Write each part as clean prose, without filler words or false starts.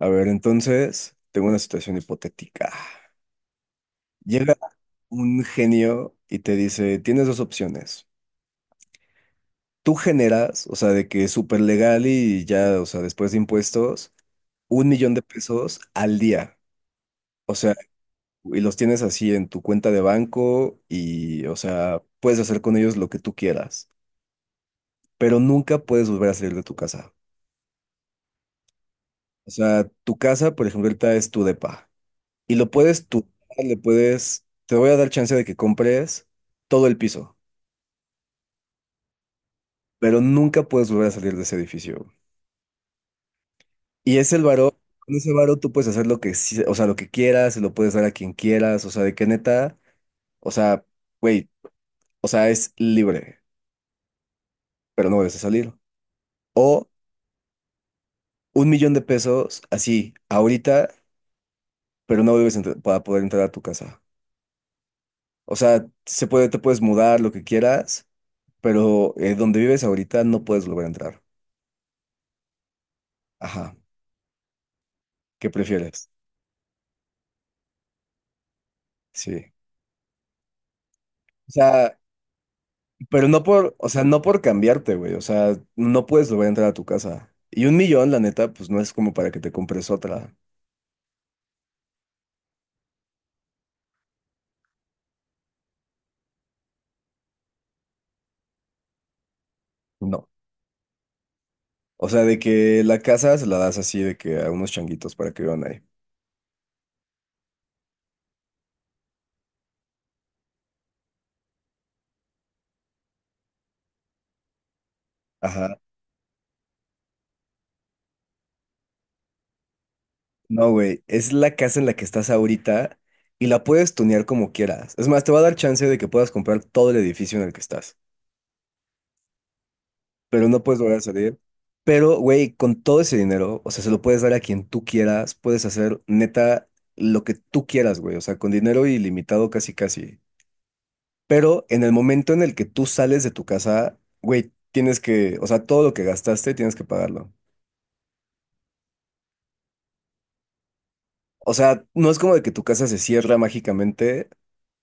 A ver, entonces, tengo una situación hipotética. Llega un genio y te dice, tienes dos opciones. Tú generas, o sea, de que es súper legal y ya, o sea, después de impuestos, 1,000,000 de pesos al día. O sea, y los tienes así en tu cuenta de banco y, o sea, puedes hacer con ellos lo que tú quieras, pero nunca puedes volver a salir de tu casa. O sea, tu casa, por ejemplo, ahorita es tu depa. Y lo puedes tú, le puedes, te voy a dar chance de que compres todo el piso, pero nunca puedes volver a salir de ese edificio. Y es el varo, con ese varo tú puedes hacer lo que, sí- o sea, lo que quieras, se lo puedes dar a quien quieras, o sea, de que neta, o sea, güey, o sea, es libre, pero no vuelves a salir. O 1,000,000 de pesos, así, ahorita, pero no vuelves a entrar- para poder entrar a tu casa. O sea, se puede, te puedes mudar, lo que quieras, pero donde vives ahorita no puedes volver a entrar. Ajá. ¿Qué prefieres? Sí. O sea, pero no por, o sea, no por cambiarte, güey. O sea, no puedes volver a entrar a tu casa. Y un millón, la neta, pues no es como para que te compres otra. No. O sea, de que la casa se la das así de que a unos changuitos para que vivan ahí. Ajá. No, güey. Es la casa en la que estás ahorita y la puedes tunear como quieras. Es más, te va a dar chance de que puedas comprar todo el edificio en el que estás. Pero no puedes volver a salir. Pero, güey, con todo ese dinero, o sea, se lo puedes dar a quien tú quieras, puedes hacer neta lo que tú quieras, güey, o sea, con dinero ilimitado casi casi. Pero en el momento en el que tú sales de tu casa, güey, tienes que, o sea, todo lo que gastaste tienes que pagarlo. O sea, no es como de que tu casa se cierra mágicamente,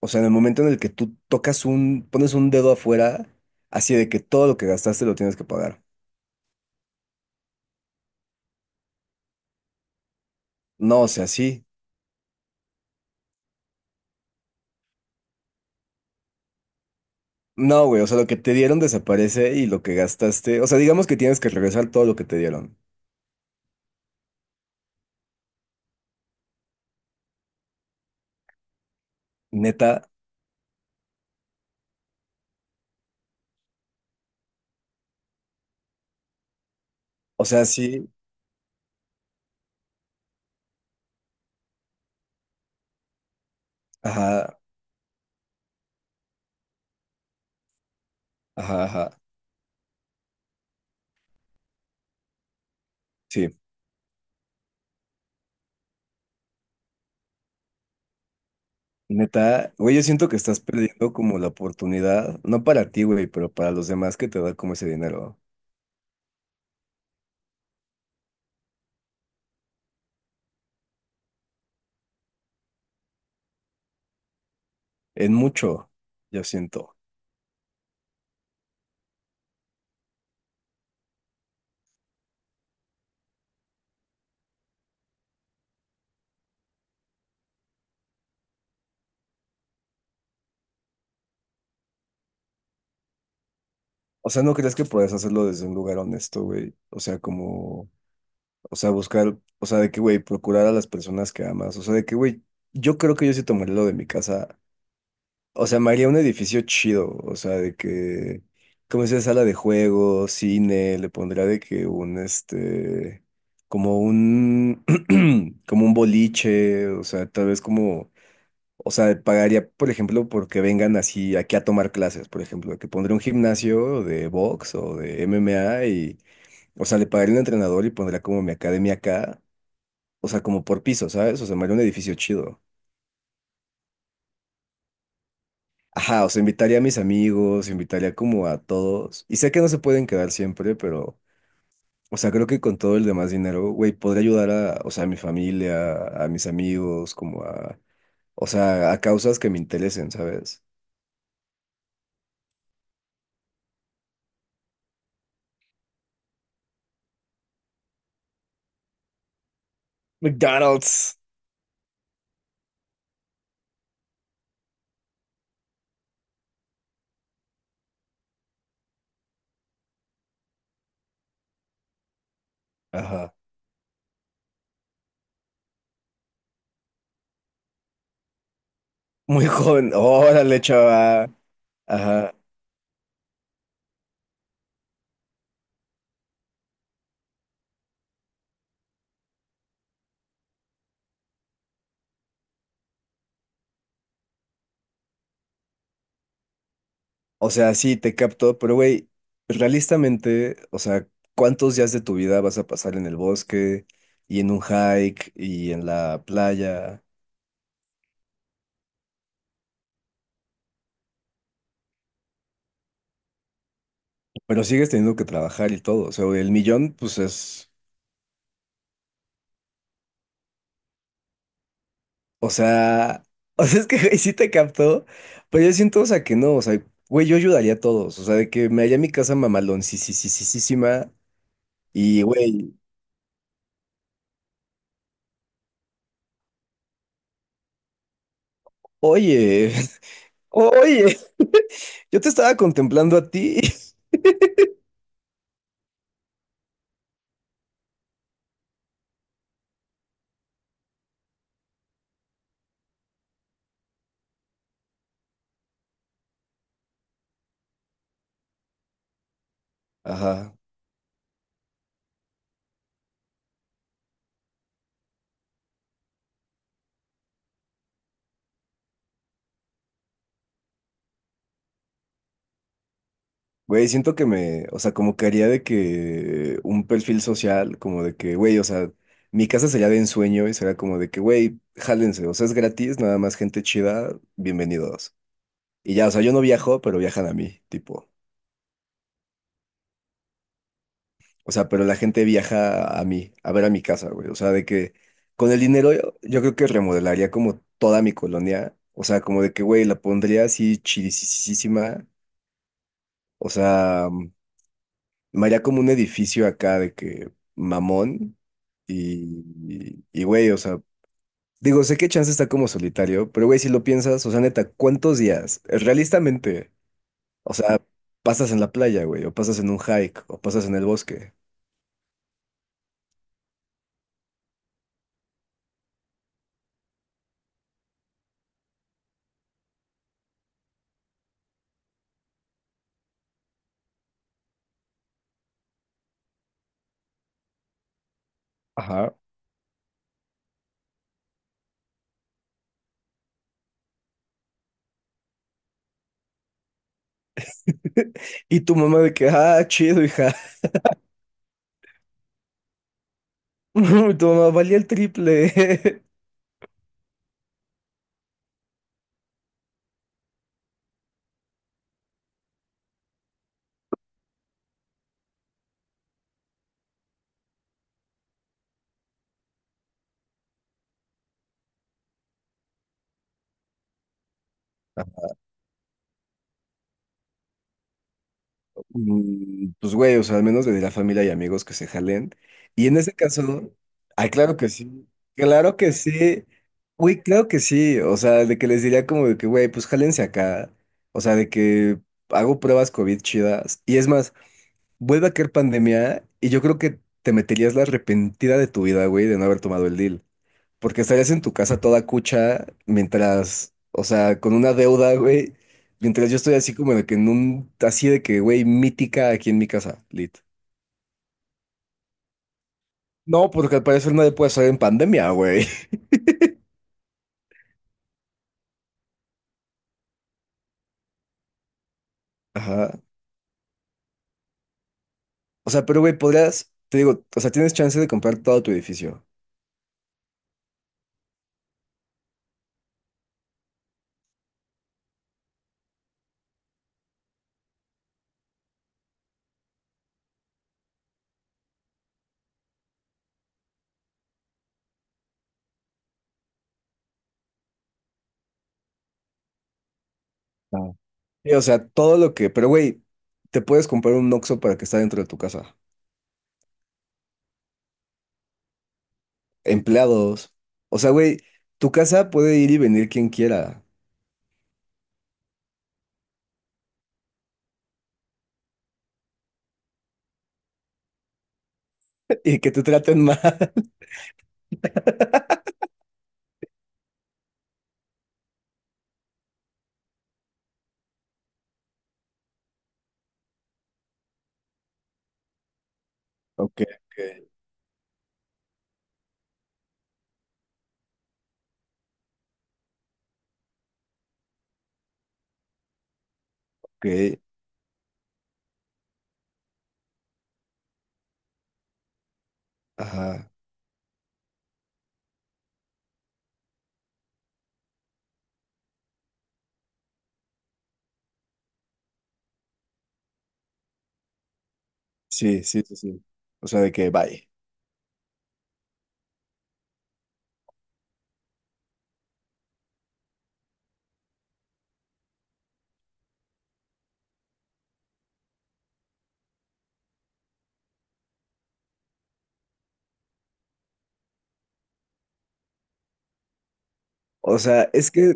o sea, en el momento en el que tú tocas un, pones un dedo afuera, así de que todo lo que gastaste lo tienes que pagar. No, o sea, sí. No, güey, o sea, lo que te dieron desaparece y lo que gastaste, o sea, digamos que tienes que regresar todo lo que te dieron. Neta, o sea, sí, ajá, ajá, ajá, sí, neta, güey, yo siento que estás perdiendo como la oportunidad, no para ti, güey, pero para los demás que te da como ese dinero, en mucho, yo siento. O sea, ¿no crees que puedes hacerlo desde un lugar honesto, güey? O sea, como, o sea, buscar, o sea, de que, güey, procurar a las personas que amas, o sea, de que, güey, yo creo que yo sí tomaría lo de mi casa. O sea, me haría un edificio chido, o sea, de que, como sea, sala de juegos, cine, le pondría de que un, este, como un, como un boliche, o sea, tal vez como, o sea, pagaría, por ejemplo, porque vengan así aquí a tomar clases, por ejemplo, que pondría un gimnasio de box o de MMA y, o sea, le pagaría un entrenador y pondría como mi academia acá, o sea, como por piso, ¿sabes? O sea, me haría un edificio chido. Ajá, o sea, invitaría a mis amigos, invitaría como a todos. Y sé que no se pueden quedar siempre, pero, o sea, creo que con todo el demás dinero, güey, podría ayudar a, o sea, a mi familia, a mis amigos, como a, o sea, a causas que me interesen, ¿sabes? McDonald's. Ajá. Muy joven. Órale, chava. Ajá. O sea, sí, te capto, pero güey, realistamente, o sea, ¿cuántos días de tu vida vas a pasar en el bosque y en un hike y en la playa? Pero sigues teniendo que trabajar y todo. O sea, el millón, pues es. O sea. O sea, es que güey, sí te captó. Pero yo siento, o sea, que no. O sea, güey, yo ayudaría a todos. O sea, de que me haya mi casa mamalón, sí, sí, sí, sí, sí, sí, ma. Y, güey, oye, oye, yo te estaba contemplando a ti. Ajá. Güey, siento que me. O sea, como que haría de que un perfil social, como de que, güey, o sea, mi casa sería de ensueño y sería como de que, güey, jálense. O sea, es gratis, nada más gente chida, bienvenidos. Y ya, o sea, yo no viajo, pero viajan a mí, tipo. O sea, pero la gente viaja a mí, a ver a mi casa, güey. O sea, de que con el dinero yo, yo creo que remodelaría como toda mi colonia. O sea, como de que, güey, la pondría así chidisísima. O sea, me haría como un edificio acá de que mamón. Y, güey, o sea, digo, sé que Chance está como solitario, pero güey, si lo piensas, o sea, neta, ¿cuántos días? Realistamente, o sea, pasas en la playa, güey, o pasas en un hike, o pasas en el bosque. Ajá. Y tu mamá de que, ah, chido, hija. Y tu mamá valía el triple. Mm, pues güey, o sea, al menos de la familia y amigos que se jalen. Y en ese caso, ay, claro que sí. Claro que sí. Güey, claro que sí. O sea, de que les diría como de que, güey, pues jálense acá. O sea, de que hago pruebas COVID chidas. Y es más, vuelve a caer pandemia y yo creo que te meterías la arrepentida de tu vida, güey, de no haber tomado el deal. Porque estarías en tu casa toda cucha mientras, o sea, con una deuda, güey. Mientras yo estoy así como de que en un, así de que, güey, mítica aquí en mi casa, lit. No, porque al parecer nadie puede salir en pandemia, güey. Ajá. O sea, pero, güey, podrías, te digo, o sea, tienes chance de comprar todo tu edificio. Ah, sí, o sea, todo lo que, pero, güey, te puedes comprar un Oxxo para que está dentro de tu casa. Empleados. O sea, güey, tu casa puede ir y venir quien quiera. Y que te traten mal. Ok. Ok, ok. Ajá. Sí, sí, sí, sí. O sea, de que bye. O sea, es que,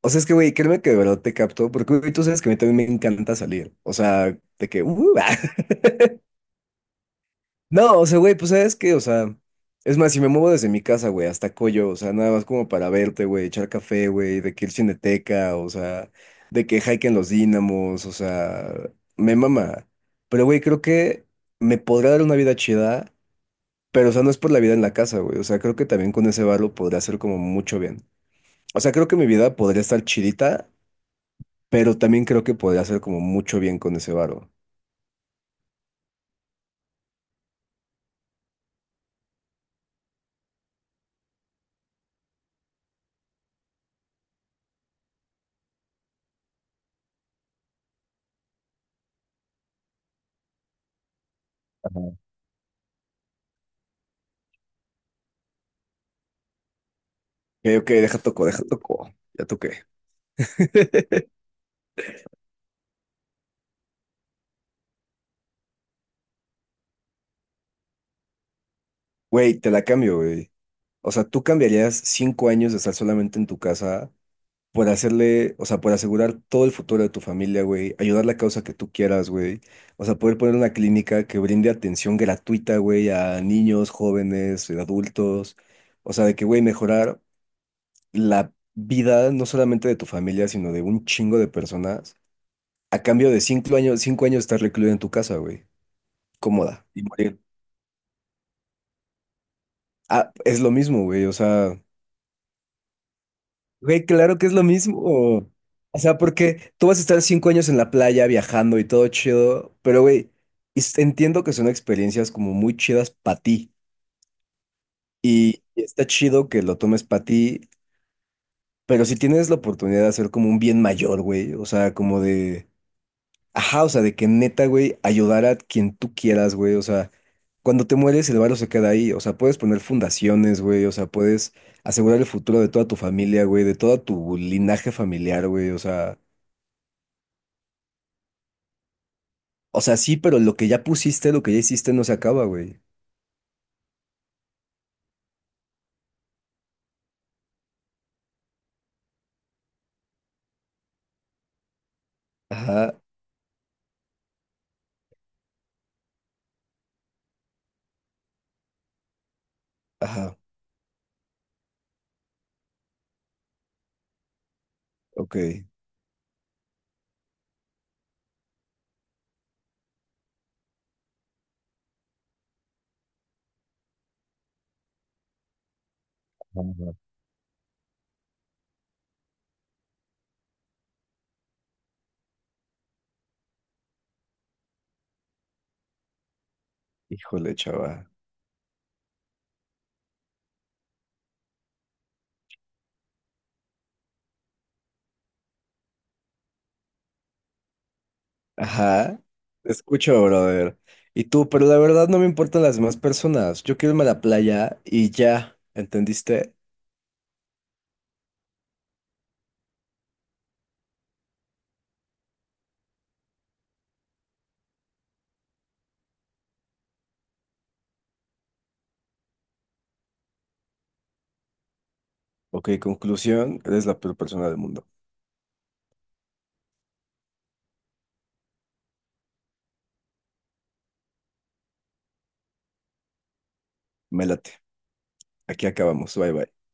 o sea, es que, güey, créeme que de verdad te capto, porque, güey, tú sabes que a mí también me encanta salir. O sea, de que, ah. No, o sea, güey, pues sabes que, o sea, es más, si me muevo desde mi casa, güey, hasta Coyo, o sea, nada más como para verte, güey, echar café, güey, de que ir Cineteca, o sea, de que hike en los Dínamos, o sea, me mama. Pero, güey, creo que me podrá dar una vida chida. Pero, o sea, no es por la vida en la casa, güey. O sea, creo que también con ese varo podría hacer como mucho bien. O sea, creo que mi vida podría estar chidita, pero también creo que podría hacer como mucho bien con ese varo. Ajá. Ok, ok, deja toco, deja toco. Ya toqué. Güey, te la cambio, güey. O sea, ¿tú cambiarías 5 años de estar solamente en tu casa por hacerle, o sea, por asegurar todo el futuro de tu familia, güey, ayudar la causa que tú quieras, güey. O sea, poder poner una clínica que brinde atención gratuita, güey, a niños, jóvenes, adultos. O sea, de que, güey, mejorar la vida no solamente de tu familia, sino de un chingo de personas, a cambio de 5 años, 5 años estar recluido en tu casa, güey, cómoda y morir. Ah, es lo mismo, güey, o sea. Güey, claro que es lo mismo. O sea, porque tú vas a estar 5 años en la playa viajando y todo chido, pero güey, es- entiendo que son experiencias como muy chidas para ti y está chido que lo tomes para ti, pero si tienes la oportunidad de hacer como un bien mayor, güey, o sea, como de, ajá, o sea, de que neta, güey, ayudar a quien tú quieras, güey, o sea, cuando te mueres el barro se queda ahí, o sea, puedes poner fundaciones, güey, o sea, puedes asegurar el futuro de toda tu familia, güey, de todo tu linaje familiar, güey, o sea. O sea, sí, pero lo que ya pusiste, lo que ya hiciste no se acaba, güey. Ajá, ajá, ok. Ajá. Híjole, chava. Ajá. Te escucho, brother. Y tú, pero la verdad no me importan las demás personas. Yo quiero irme a la playa y ya, ¿entendiste? Ok, conclusión, eres la peor persona del mundo. Mélate. Aquí acabamos. Bye, bye.